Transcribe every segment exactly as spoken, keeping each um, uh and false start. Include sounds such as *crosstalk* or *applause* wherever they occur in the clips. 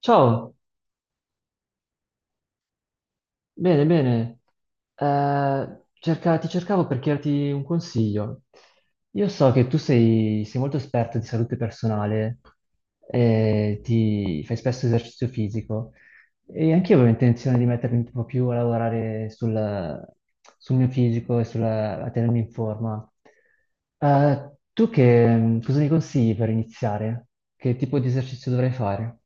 Ciao, bene, bene. Eh, cerca- ti cercavo per chiederti un consiglio. Io so che tu sei, sei molto esperto di salute personale, e ti fai spesso esercizio fisico e anch'io avevo intenzione di mettermi un po' più a lavorare sul, sul mio fisico e sulla- a tenermi in forma. Eh, tu che cosa mi consigli per iniziare? Che tipo di esercizio dovrei fare?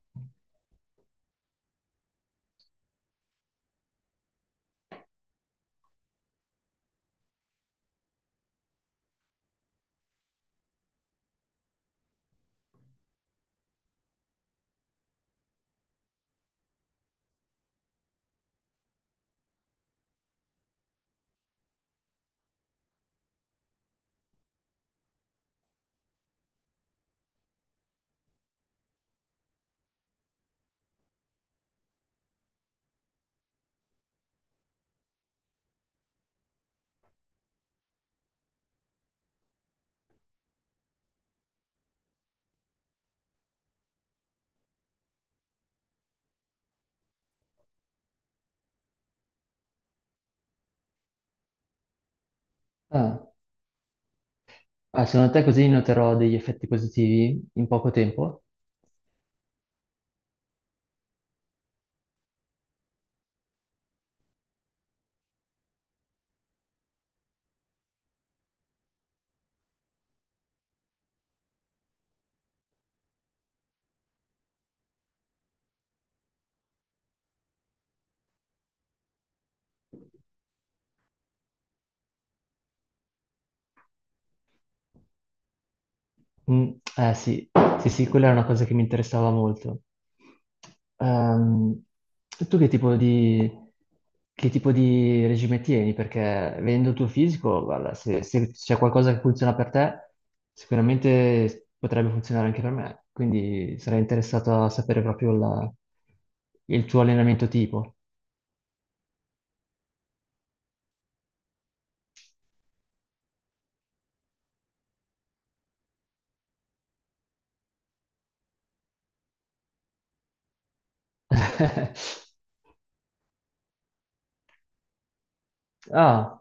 Ah. Ah, secondo te così noterò degli effetti positivi in poco tempo? Mm, eh sì, sì, sì, quella è una cosa che mi interessava molto. Ehm, Tu che tipo di, che tipo di regime tieni? Perché vedendo il tuo fisico, guarda, se, se c'è qualcosa che funziona per te, sicuramente potrebbe funzionare anche per me. Quindi sarei interessato a sapere proprio la- il tuo allenamento tipo. *laughs* Ah.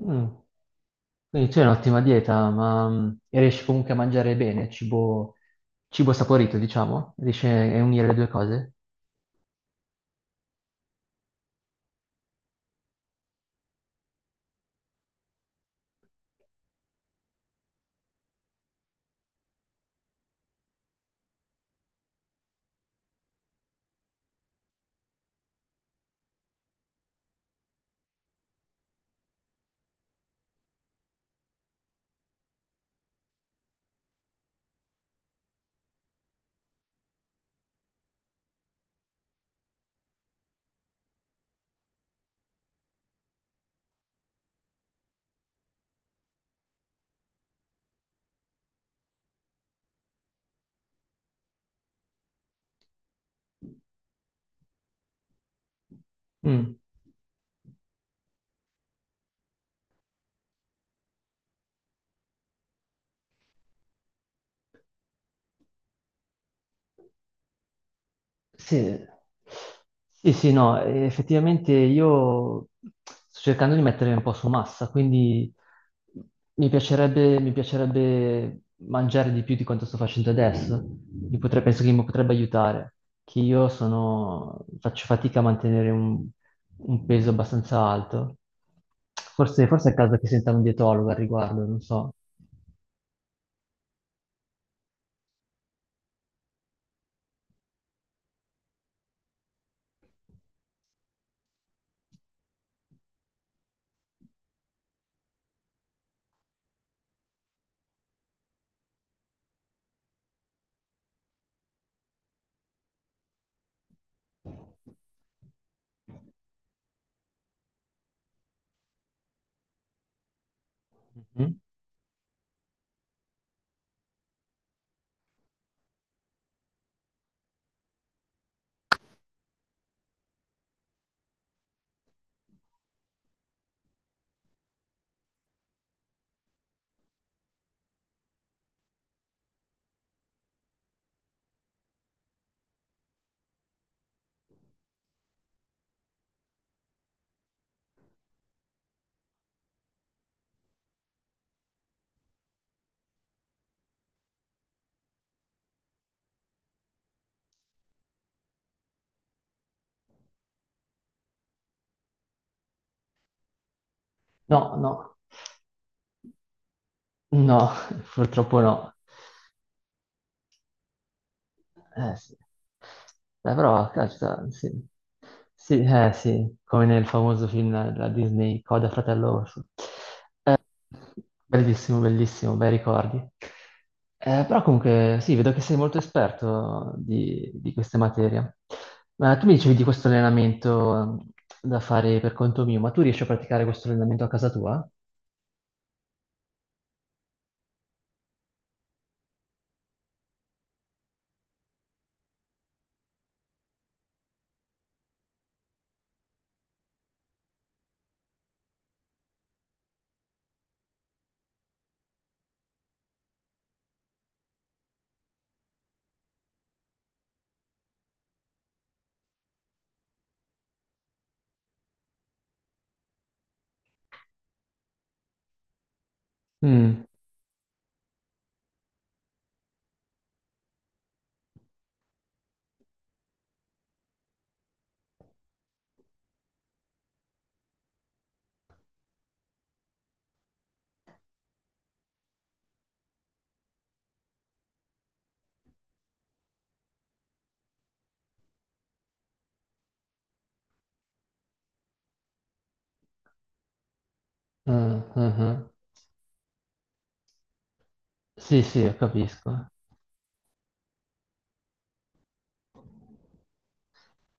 Mm. Quindi tu hai un'ottima dieta, ma mm, e riesci comunque a mangiare bene, cibo, cibo saporito, diciamo? Riesci a unire le due cose? Mm. Sì, sì, sì, no, eh, effettivamente io sto cercando di mettere un po' su massa, quindi mi piacerebbe, mi piacerebbe mangiare di più di quanto sto facendo adesso. Mi potre- penso che mi potrebbe aiutare, che io sono- faccio fatica a mantenere un, un peso abbastanza alto. Forse, forse è il caso che senta un dietologo al riguardo, non so. Mhm. No, no, no, *laughs* purtroppo no. Eh sì. Beh, però, cazzo, sì. Sì, eh sì, come nel famoso film della Disney, Coda Fratello Orso. Eh, bellissimo, bellissimo, bei ricordi. Eh, però comunque, sì, vedo che sei molto esperto di, di queste materie. Ma tu mi dicevi di questo allenamento eh, da fare per conto mio, ma tu riesci a praticare questo allenamento a casa tua? Mm. Ah, ah, ah. Sì, sì, capisco.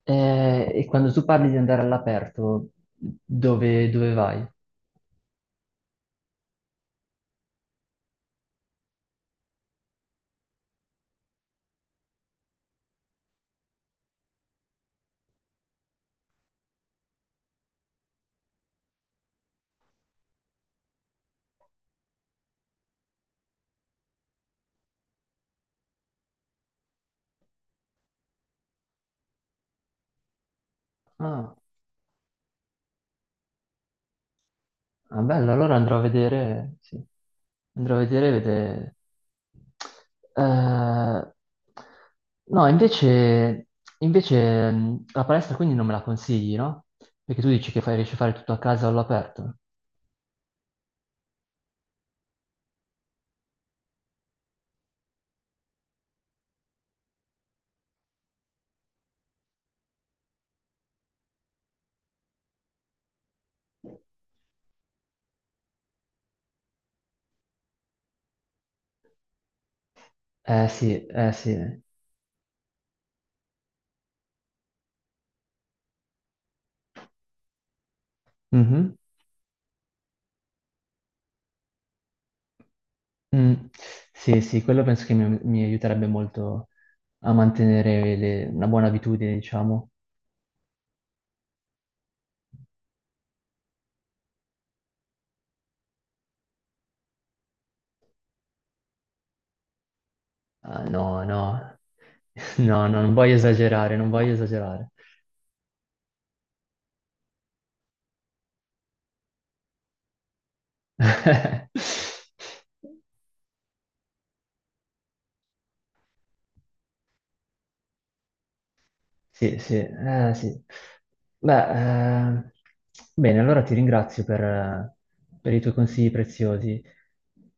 Eh, e quando tu parli di andare all'aperto, dove, dove vai? Ah, ah, bello, allora andrò a vedere, sì. Andrò a vedere, vedere. Eh, no, invece, invece mh, la palestra quindi non me la consigli, no? Perché tu dici che fai, riesci a fare tutto a casa all'aperto. Eh sì, eh sì. Mhm. Mm. Sì, sì, quello penso che mi, mi aiuterebbe molto a mantenere le- una buona abitudine, diciamo. Ah, no, no, *laughs* no, no, non voglio esagerare, non voglio esagerare. *laughs* Sì, sì, eh, sì. Beh, eh, bene, allora ti ringrazio per, per i tuoi consigli preziosi.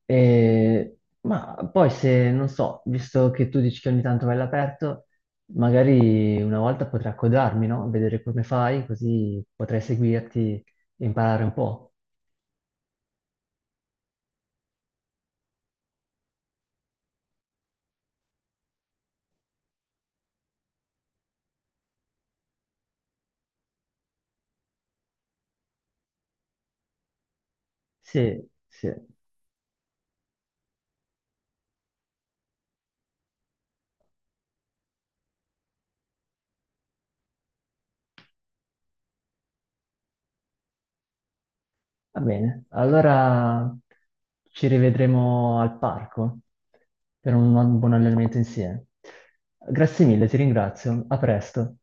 E- ma poi se, non so, visto che tu dici che ogni tanto vai all'aperto, magari una volta potrei accodarmi, no? Vedere come fai, così potrei seguirti e imparare un po'. Sì, sì. Va bene, allora ci rivedremo al parco per un buon allenamento insieme. Grazie mille, ti ringrazio. A presto.